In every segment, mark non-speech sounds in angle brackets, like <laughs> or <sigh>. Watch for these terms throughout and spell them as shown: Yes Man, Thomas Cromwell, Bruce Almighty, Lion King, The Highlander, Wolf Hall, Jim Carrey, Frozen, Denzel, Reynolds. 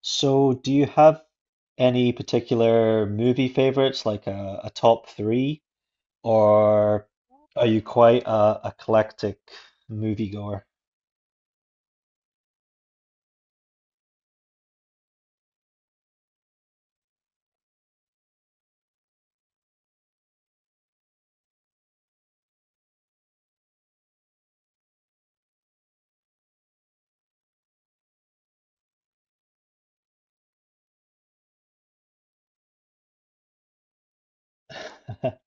So, do you have any particular movie favorites, like a top three, or are you quite a eclectic moviegoer? <laughs>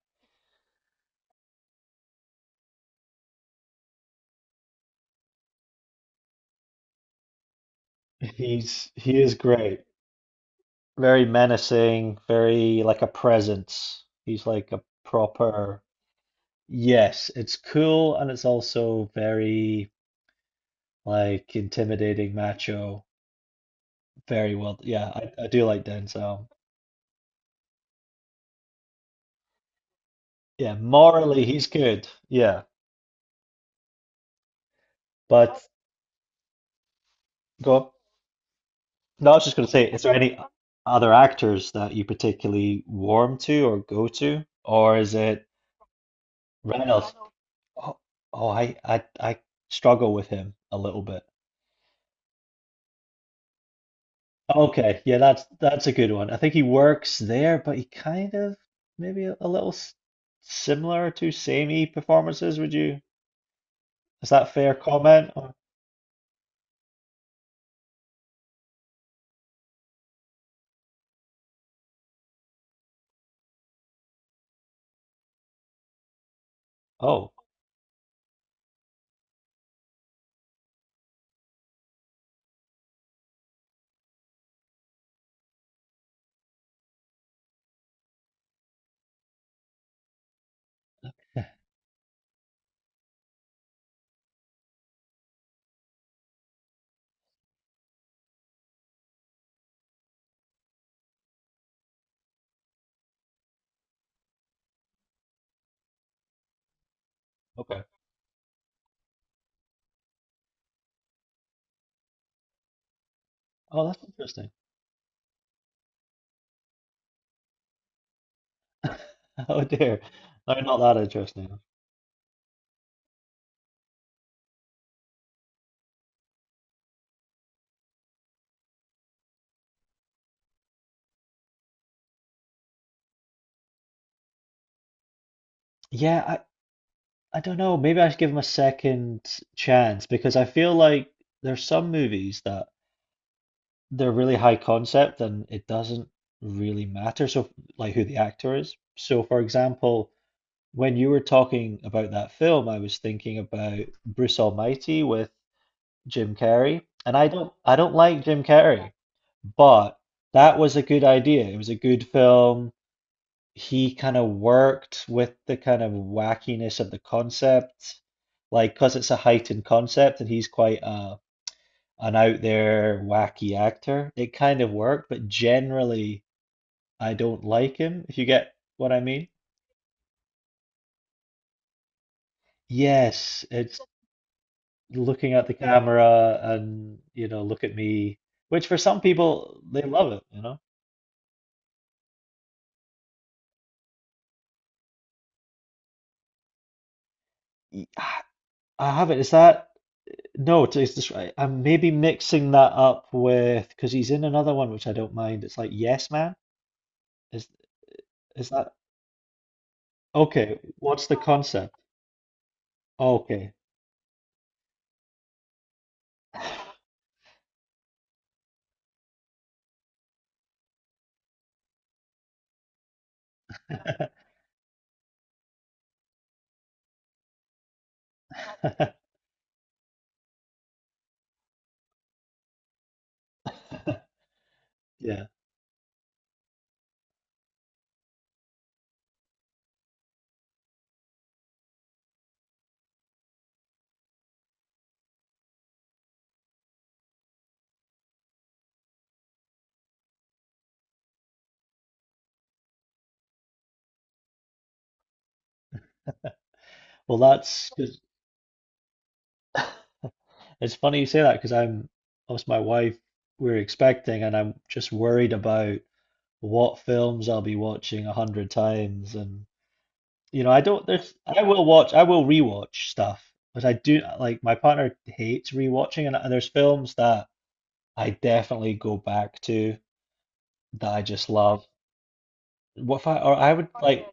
He is great. Very menacing, very like a presence. He's like a proper. Yes, it's cool and it's also very like intimidating macho. Very well. Yeah, I do like Denzel. Yeah, morally he's good. Yeah. But go on. No, I was just going to say, is there any other actors that you particularly warm to or go to, or is it Reynolds? Oh, oh, I struggle with him a little bit. Okay, yeah, that's a good one. I think he works there, but he kind of maybe a little similar to samey performances. Would you? Is that a fair comment? Or, oh, okay. Oh, that's interesting. <laughs> Oh dear. No, not that interesting. Yeah, I don't know. Maybe I should give them a second chance because I feel like there's some movies that they're really high concept and it doesn't really matter. So, like who the actor is. So, for example, when you were talking about that film, I was thinking about Bruce Almighty with Jim Carrey, and I don't like Jim Carrey, but that was a good idea. It was a good film he kind of worked with the kind of wackiness of the concept, like because it's a heightened concept and he's quite a an out there wacky actor. It kind of worked, but generally I don't like him, if you get what I mean. Yes, it's looking at the, yeah, camera and you know, look at me, which for some people they love it. Y- I I have it. Is that. No, it's, just, I'm maybe mixing that up with because he's in another one which I don't mind. It's like Yes Man. Is is that okay? What's the concept? Okay. <laughs> Yeah. Well, that's 'cause it's funny you say that because I'm, us, my wife, we're expecting and I'm just worried about what films I'll be watching 100 times and you know I don't there's I will rewatch stuff but I do like my partner hates rewatching and there's films that. I definitely go back to that I just love. What if I or I would like,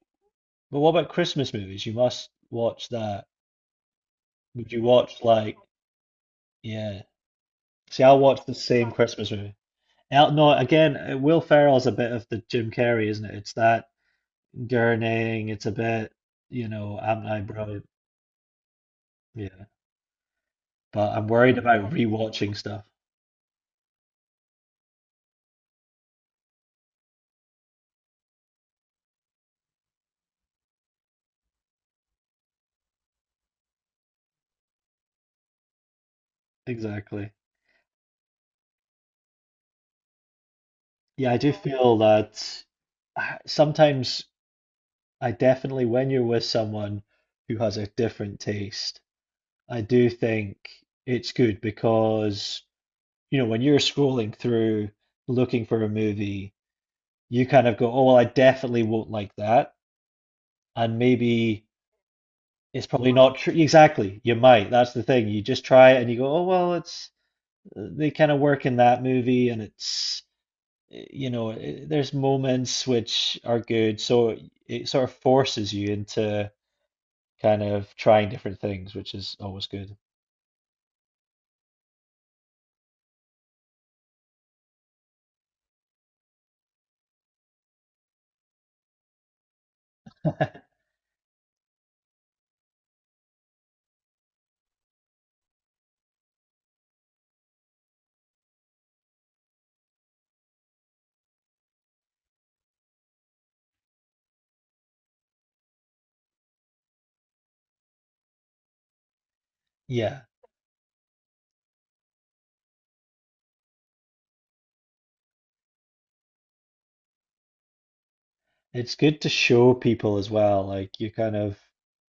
but what about Christmas movies? You must watch that. Would you watch like, yeah. See, I'll watch the same Christmas movie. No, again, Will Ferrell's a bit of the Jim Carrey, isn't it? It's that gurning, it's a bit, you know, I'm eyebrow. Yeah. But I'm worried about rewatching stuff. Exactly. Yeah, I do feel that sometimes I definitely, when you're with someone who has a different taste, I do think it's good because, you know, when you're scrolling through looking for a movie, you kind of go, oh, well, I definitely won't like that. And maybe it's probably not true. Exactly. You might. That's the thing. You just try it and you go, oh, well, it's, they kind of work in that movie and it's, you know, there's moments which are good. So it sort of forces you into, kind of trying different things, which is always good. <laughs> Yeah, it's good to show people as well. Like you kind of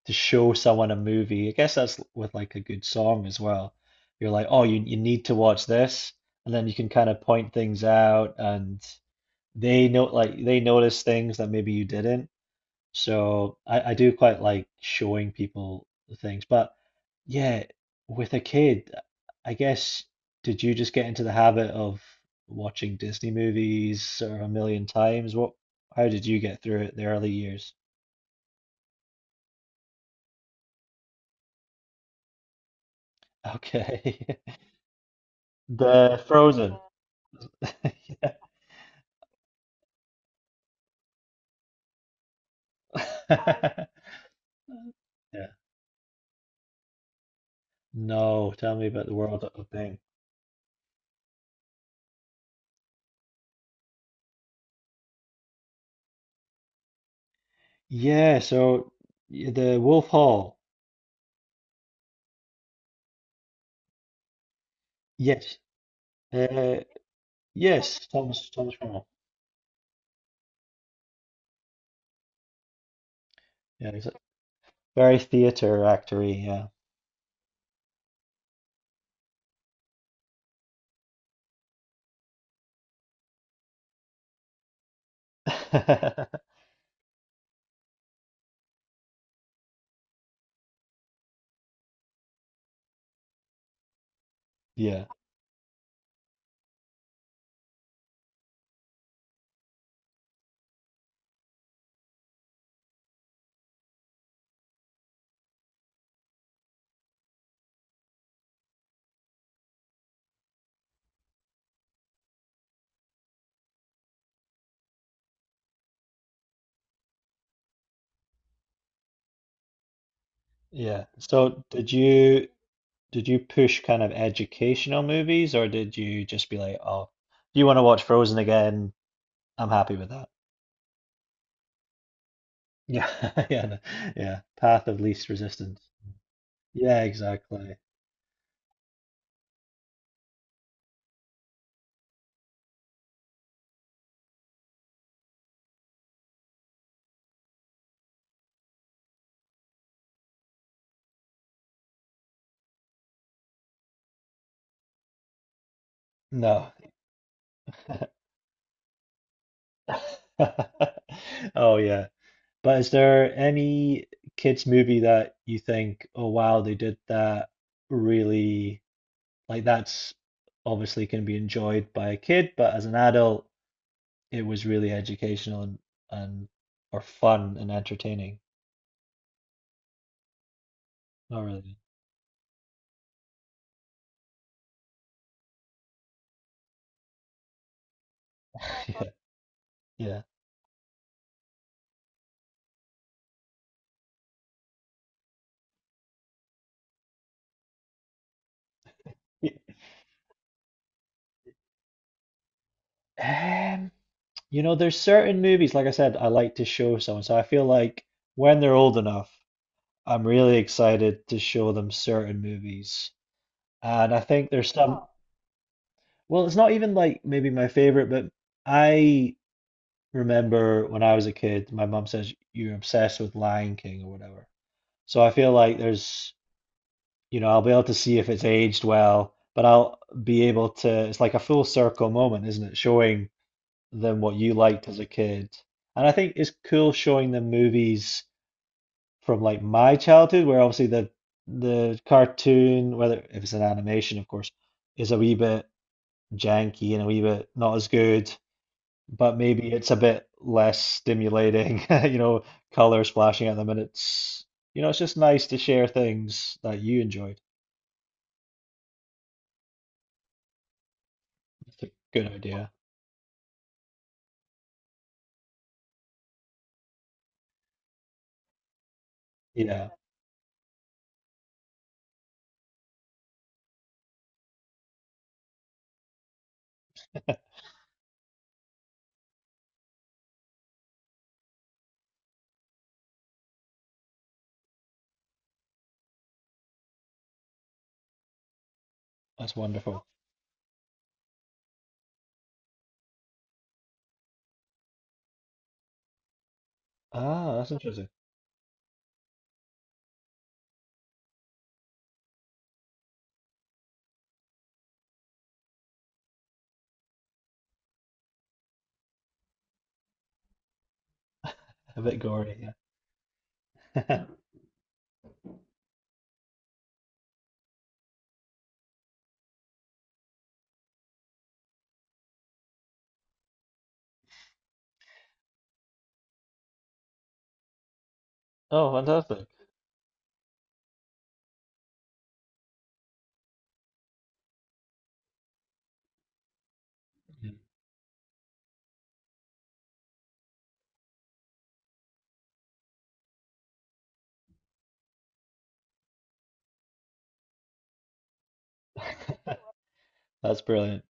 to show someone a movie. I guess that's with like a good song as well. You're like, oh, you need to watch this, and then you can kind of point things out, and they know like they notice things that maybe you didn't. So I do quite like showing people the things. But yeah, with a kid, I guess, did you just get into the habit of watching Disney movies or a million times? What, how did you get through it the early years? Okay. <laughs> The Frozen. <laughs> Yeah. <laughs> Yeah. No, tell me about the World of Thing. Yeah, so the Wolf Hall. Yes. Uh, yes, Thomas Cromwell. Yeah, very theater actory, yeah. <laughs> Yeah, yeah. So did you push kind of educational movies or did you just be like, oh, you want to watch Frozen again? I'm happy with that. Yeah, <laughs> yeah, no, yeah. Path of least resistance. Yeah, exactly. No. <laughs> Oh yeah. But is there any kids movie that you think, oh wow, they did that really. Like that's obviously can be enjoyed by a kid, but as an adult, it was really educational and, or fun and entertaining. Not really. <laughs> Yeah. Yeah. Y- Um, you know, there's certain movies, like I said, I like to show someone. So I feel like when they're old enough, I'm really excited to show them certain movies. And I think there's some. Oh, well, it's not even like maybe my favorite, but I remember when I was a kid, my mum says, you're obsessed with Lion King or whatever. So I feel like there's, you know, I'll be able to see if it's aged well, but I'll be able to, it's like a full circle moment, isn't it? Showing them what you liked as a kid. And I think it's cool showing them movies from like my childhood, where obviously the cartoon, whether if it's an animation, of course, is a wee bit janky and a wee bit not as good, but maybe it's a bit less stimulating, <laughs> you know, color splashing at them, and it's, you know, it's just nice to share things that you enjoy. That's a good idea. Yeah, that's wonderful. Ah, that's interesting. A bit gory, yeah. <laughs> Oh, fantastic. Mm. <laughs> That's brilliant.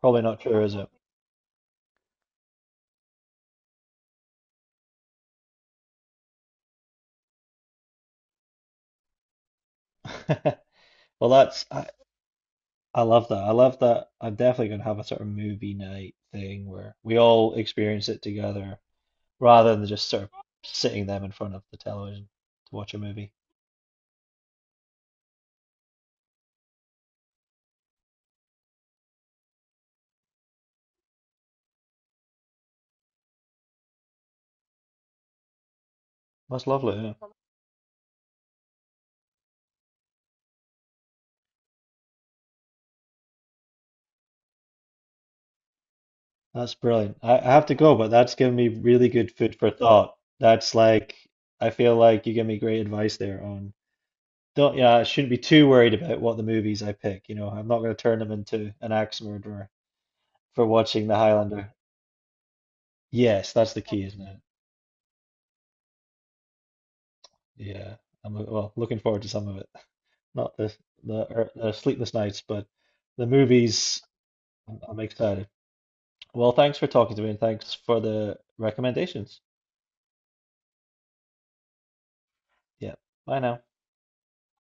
Probably not true, is it? <laughs> Well, I love that. I love that. I'm definitely gonna have a sort of movie night thing where we all experience it together rather than just sort of sitting them in front of the television to watch a movie. That's lovely, yeah. That's brilliant. I have to go, but that's given me really good food for thought. That's like I feel like you give me great advice there on, don't, yeah, I shouldn't be too worried about what the movies I pick. You know, I'm not going to turn them into an axe murderer for watching The Highlander. Yes, that's the key, isn't it? Yeah, I'm well looking forward to some of it. Not the sleepless nights, but the movies. I'm excited. Well, thanks for talking to me, and thanks for the recommendations. Yeah, bye now.